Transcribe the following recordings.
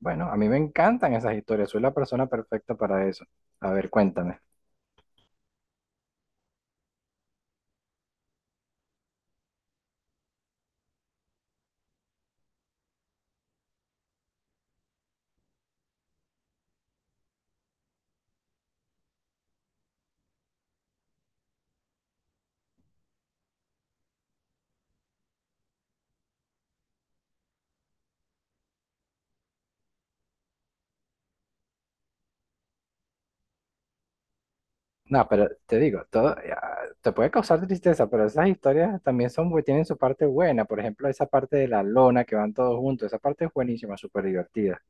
Bueno, a mí me encantan esas historias, soy la persona perfecta para eso. A ver, cuéntame. No, pero te digo, todo ya, te puede causar tristeza, pero esas historias también son, tienen su parte buena. Por ejemplo, esa parte de la lona que van todos juntos, esa parte es buenísima, súper divertida.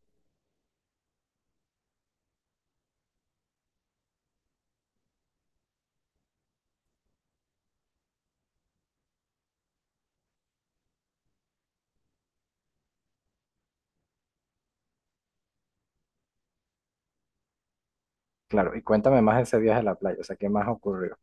Claro, y cuéntame más de ese viaje a la playa, o sea, ¿qué más ocurrió?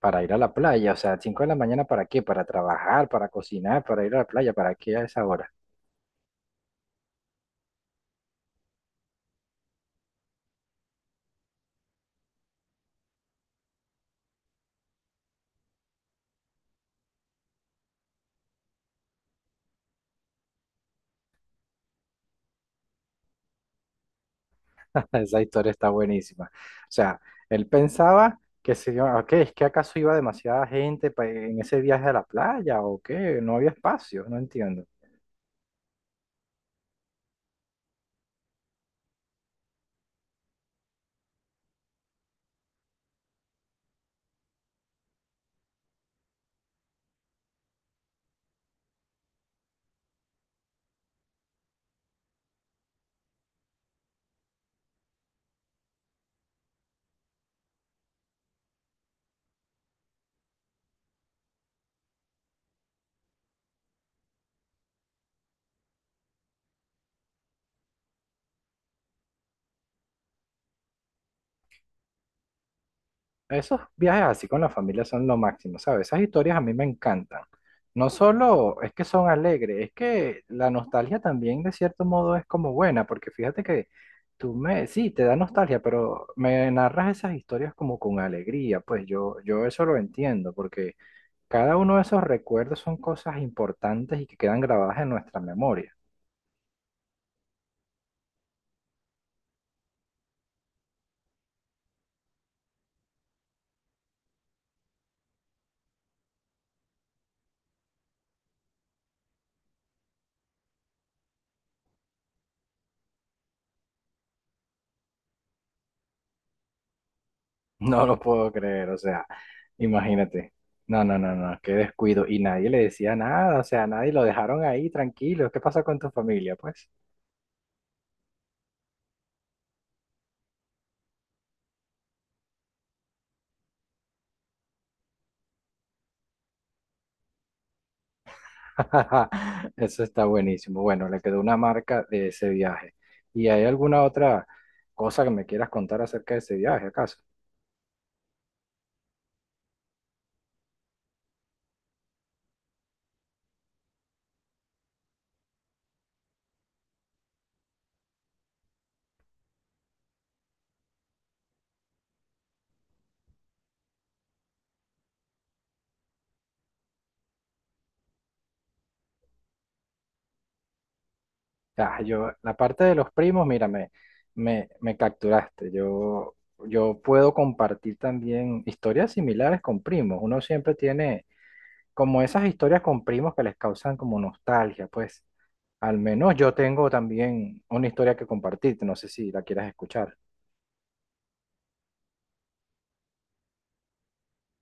Para ir a la playa, o sea, 5:00 de la mañana, ¿para qué? Para trabajar, para cocinar, para ir a la playa, ¿para qué a esa hora? Esa historia está buenísima. O sea, él pensaba que se iba, ok, es que acaso iba demasiada gente en ese viaje a la playa o qué, no había espacio, no entiendo. Esos viajes así con la familia son lo máximo, ¿sabes? Esas historias a mí me encantan. No solo es que son alegres, es que la nostalgia también de cierto modo es como buena, porque fíjate que tú me, sí, te da nostalgia, pero me narras esas historias como con alegría, pues yo eso lo entiendo, porque... Cada uno de esos recuerdos son cosas importantes y que quedan grabadas en nuestra memoria. No lo puedo creer, o sea, imagínate. No, no, no, no, qué descuido. Y nadie le decía nada, o sea, nadie lo dejaron ahí tranquilo. ¿Qué pasa con tu familia, pues? Eso está buenísimo. Bueno, le quedó una marca de ese viaje. ¿Y hay alguna otra cosa que me quieras contar acerca de ese viaje, acaso? Ah, yo, la parte de los primos, mírame, me capturaste. Yo puedo compartir también historias similares con primos. Uno siempre tiene como esas historias con primos que les causan como nostalgia, pues. Al menos yo tengo también una historia que compartirte, no sé si la quieras escuchar.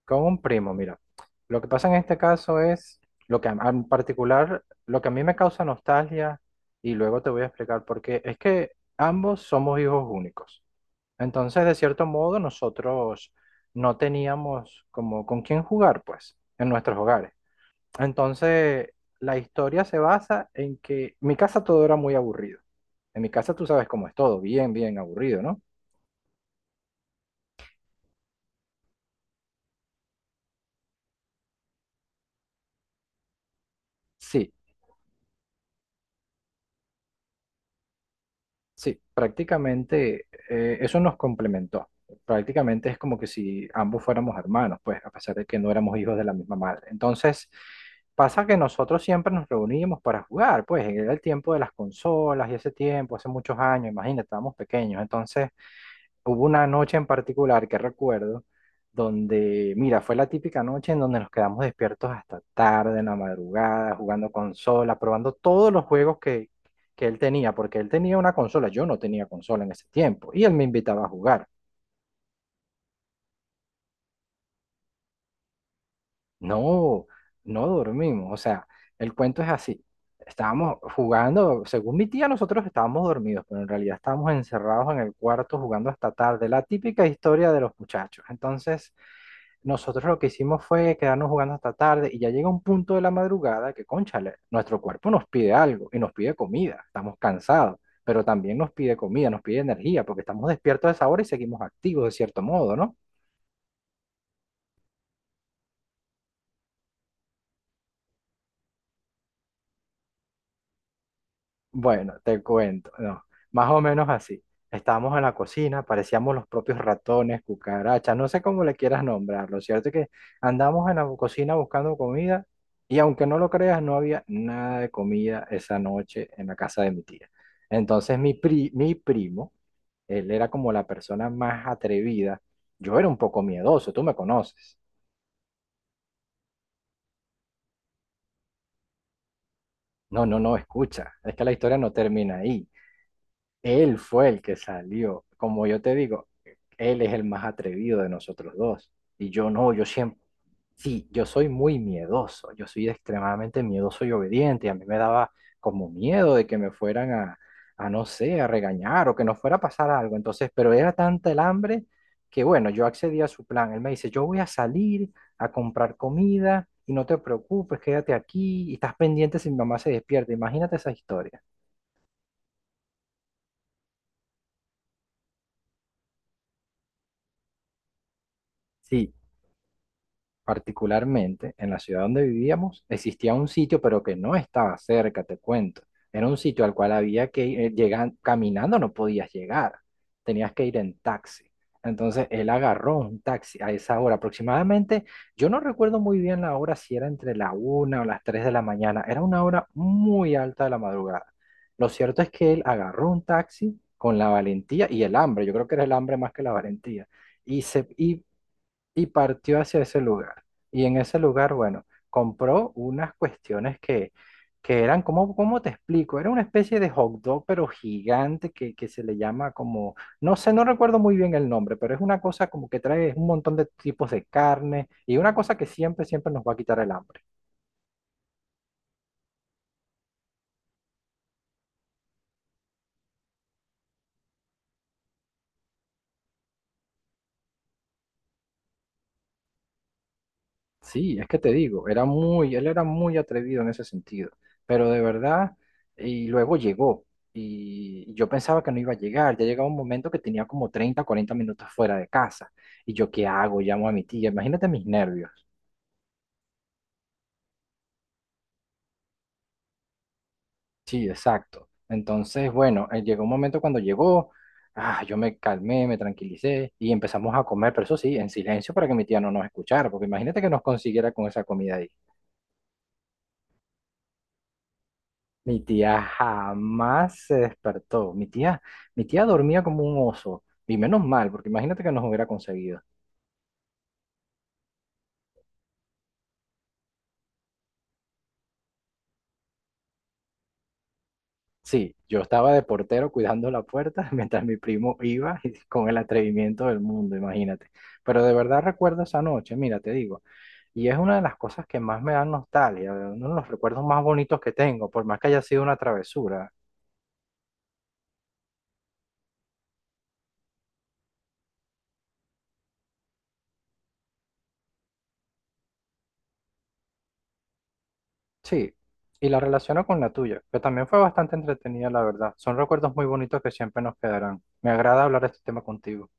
Con un primo, mira. Lo que pasa en este caso es lo que en particular, lo que a mí me causa nostalgia, y luego te voy a explicar por qué, es que ambos somos hijos únicos. Entonces, de cierto modo, nosotros no teníamos como con quién jugar, pues, en nuestros hogares. Entonces, la historia se basa en que en mi casa todo era muy aburrido. En mi casa tú sabes cómo es todo, bien, bien aburrido, ¿no? Sí. Sí, prácticamente eso nos complementó. Prácticamente es como que si ambos fuéramos hermanos, pues a pesar de que no éramos hijos de la misma madre. Entonces, pasa que nosotros siempre nos reuníamos para jugar, pues era el tiempo de las consolas y ese tiempo, hace muchos años, imagínate, estábamos pequeños. Entonces, hubo una noche en particular que recuerdo donde, mira, fue la típica noche en donde nos quedamos despiertos hasta tarde, en la madrugada, jugando consola, probando todos los juegos que él tenía, porque él tenía una consola, yo no tenía consola en ese tiempo, y él me invitaba a jugar. No, no dormimos, o sea, el cuento es así. Estábamos jugando, según mi tía, nosotros estábamos dormidos, pero en realidad estábamos encerrados en el cuarto jugando hasta tarde, la típica historia de los muchachos. Entonces... Nosotros lo que hicimos fue quedarnos jugando hasta tarde y ya llega un punto de la madrugada que, cónchale, nuestro cuerpo nos pide algo y nos pide comida, estamos cansados, pero también nos pide comida, nos pide energía, porque estamos despiertos a esa hora y seguimos activos de cierto modo, ¿no? Bueno, te cuento, no, más o menos así. Estábamos en la cocina, parecíamos los propios ratones, cucarachas, no sé cómo le quieras nombrar. Lo cierto es que andamos en la cocina buscando comida y aunque no lo creas, no había nada de comida esa noche en la casa de mi tía. Entonces mi primo, él era como la persona más atrevida. Yo era un poco miedoso, tú me conoces. No, no, no, escucha, es que la historia no termina ahí. Él fue el que salió. Como yo te digo, él es el más atrevido de nosotros dos. Y yo no, yo siempre, sí, yo soy muy miedoso. Yo soy extremadamente miedoso y obediente. Y a mí me daba como miedo de que me fueran a no sé, a regañar o que nos fuera a pasar algo. Entonces, pero era tanta el hambre que bueno, yo accedí a su plan. Él me dice, yo voy a salir a comprar comida y no te preocupes, quédate aquí y estás pendiente si mi mamá se despierta. Imagínate esa historia. Sí, particularmente en la ciudad donde vivíamos, existía un sitio, pero que no estaba cerca, te cuento. Era un sitio al cual había que ir, llegar, caminando no podías llegar, tenías que ir en taxi. Entonces él agarró un taxi a esa hora aproximadamente, yo no recuerdo muy bien la hora, si era entre la una o las tres de la mañana, era una hora muy alta de la madrugada. Lo cierto es que él agarró un taxi con la valentía y el hambre, yo creo que era el hambre más que la valentía y se y partió hacia ese lugar. Y en ese lugar, bueno, compró unas cuestiones que eran, ¿cómo te explico? Era una especie de hot dog, pero gigante, que se le llama como, no sé, no recuerdo muy bien el nombre, pero es una cosa como que trae un montón de tipos de carne y una cosa que siempre, siempre nos va a quitar el hambre. Sí, es que te digo, era muy, él era muy atrevido en ese sentido, pero de verdad, y luego llegó, y yo pensaba que no iba a llegar, ya llegaba un momento que tenía como 30, 40 minutos fuera de casa, y yo, ¿qué hago? Llamo a mi tía, imagínate mis nervios. Sí, exacto. Entonces, bueno, llegó un momento cuando llegó, ah, yo me calmé, me tranquilicé, y empezamos a comer, pero eso sí, en silencio para que mi tía no nos escuchara, porque imagínate que nos consiguiera con esa comida ahí. Mi tía jamás se despertó. Mi tía dormía como un oso. Y menos mal, porque imagínate que nos hubiera conseguido. Sí, yo estaba de portero cuidando la puerta mientras mi primo iba y con el atrevimiento del mundo, imagínate. Pero de verdad recuerdo esa noche, mira, te digo. Y es una de las cosas que más me dan nostalgia, uno de los recuerdos más bonitos que tengo, por más que haya sido una travesura. Sí, y la relaciono con la tuya, que también fue bastante entretenida, la verdad. Son recuerdos muy bonitos que siempre nos quedarán. Me agrada hablar de este tema contigo.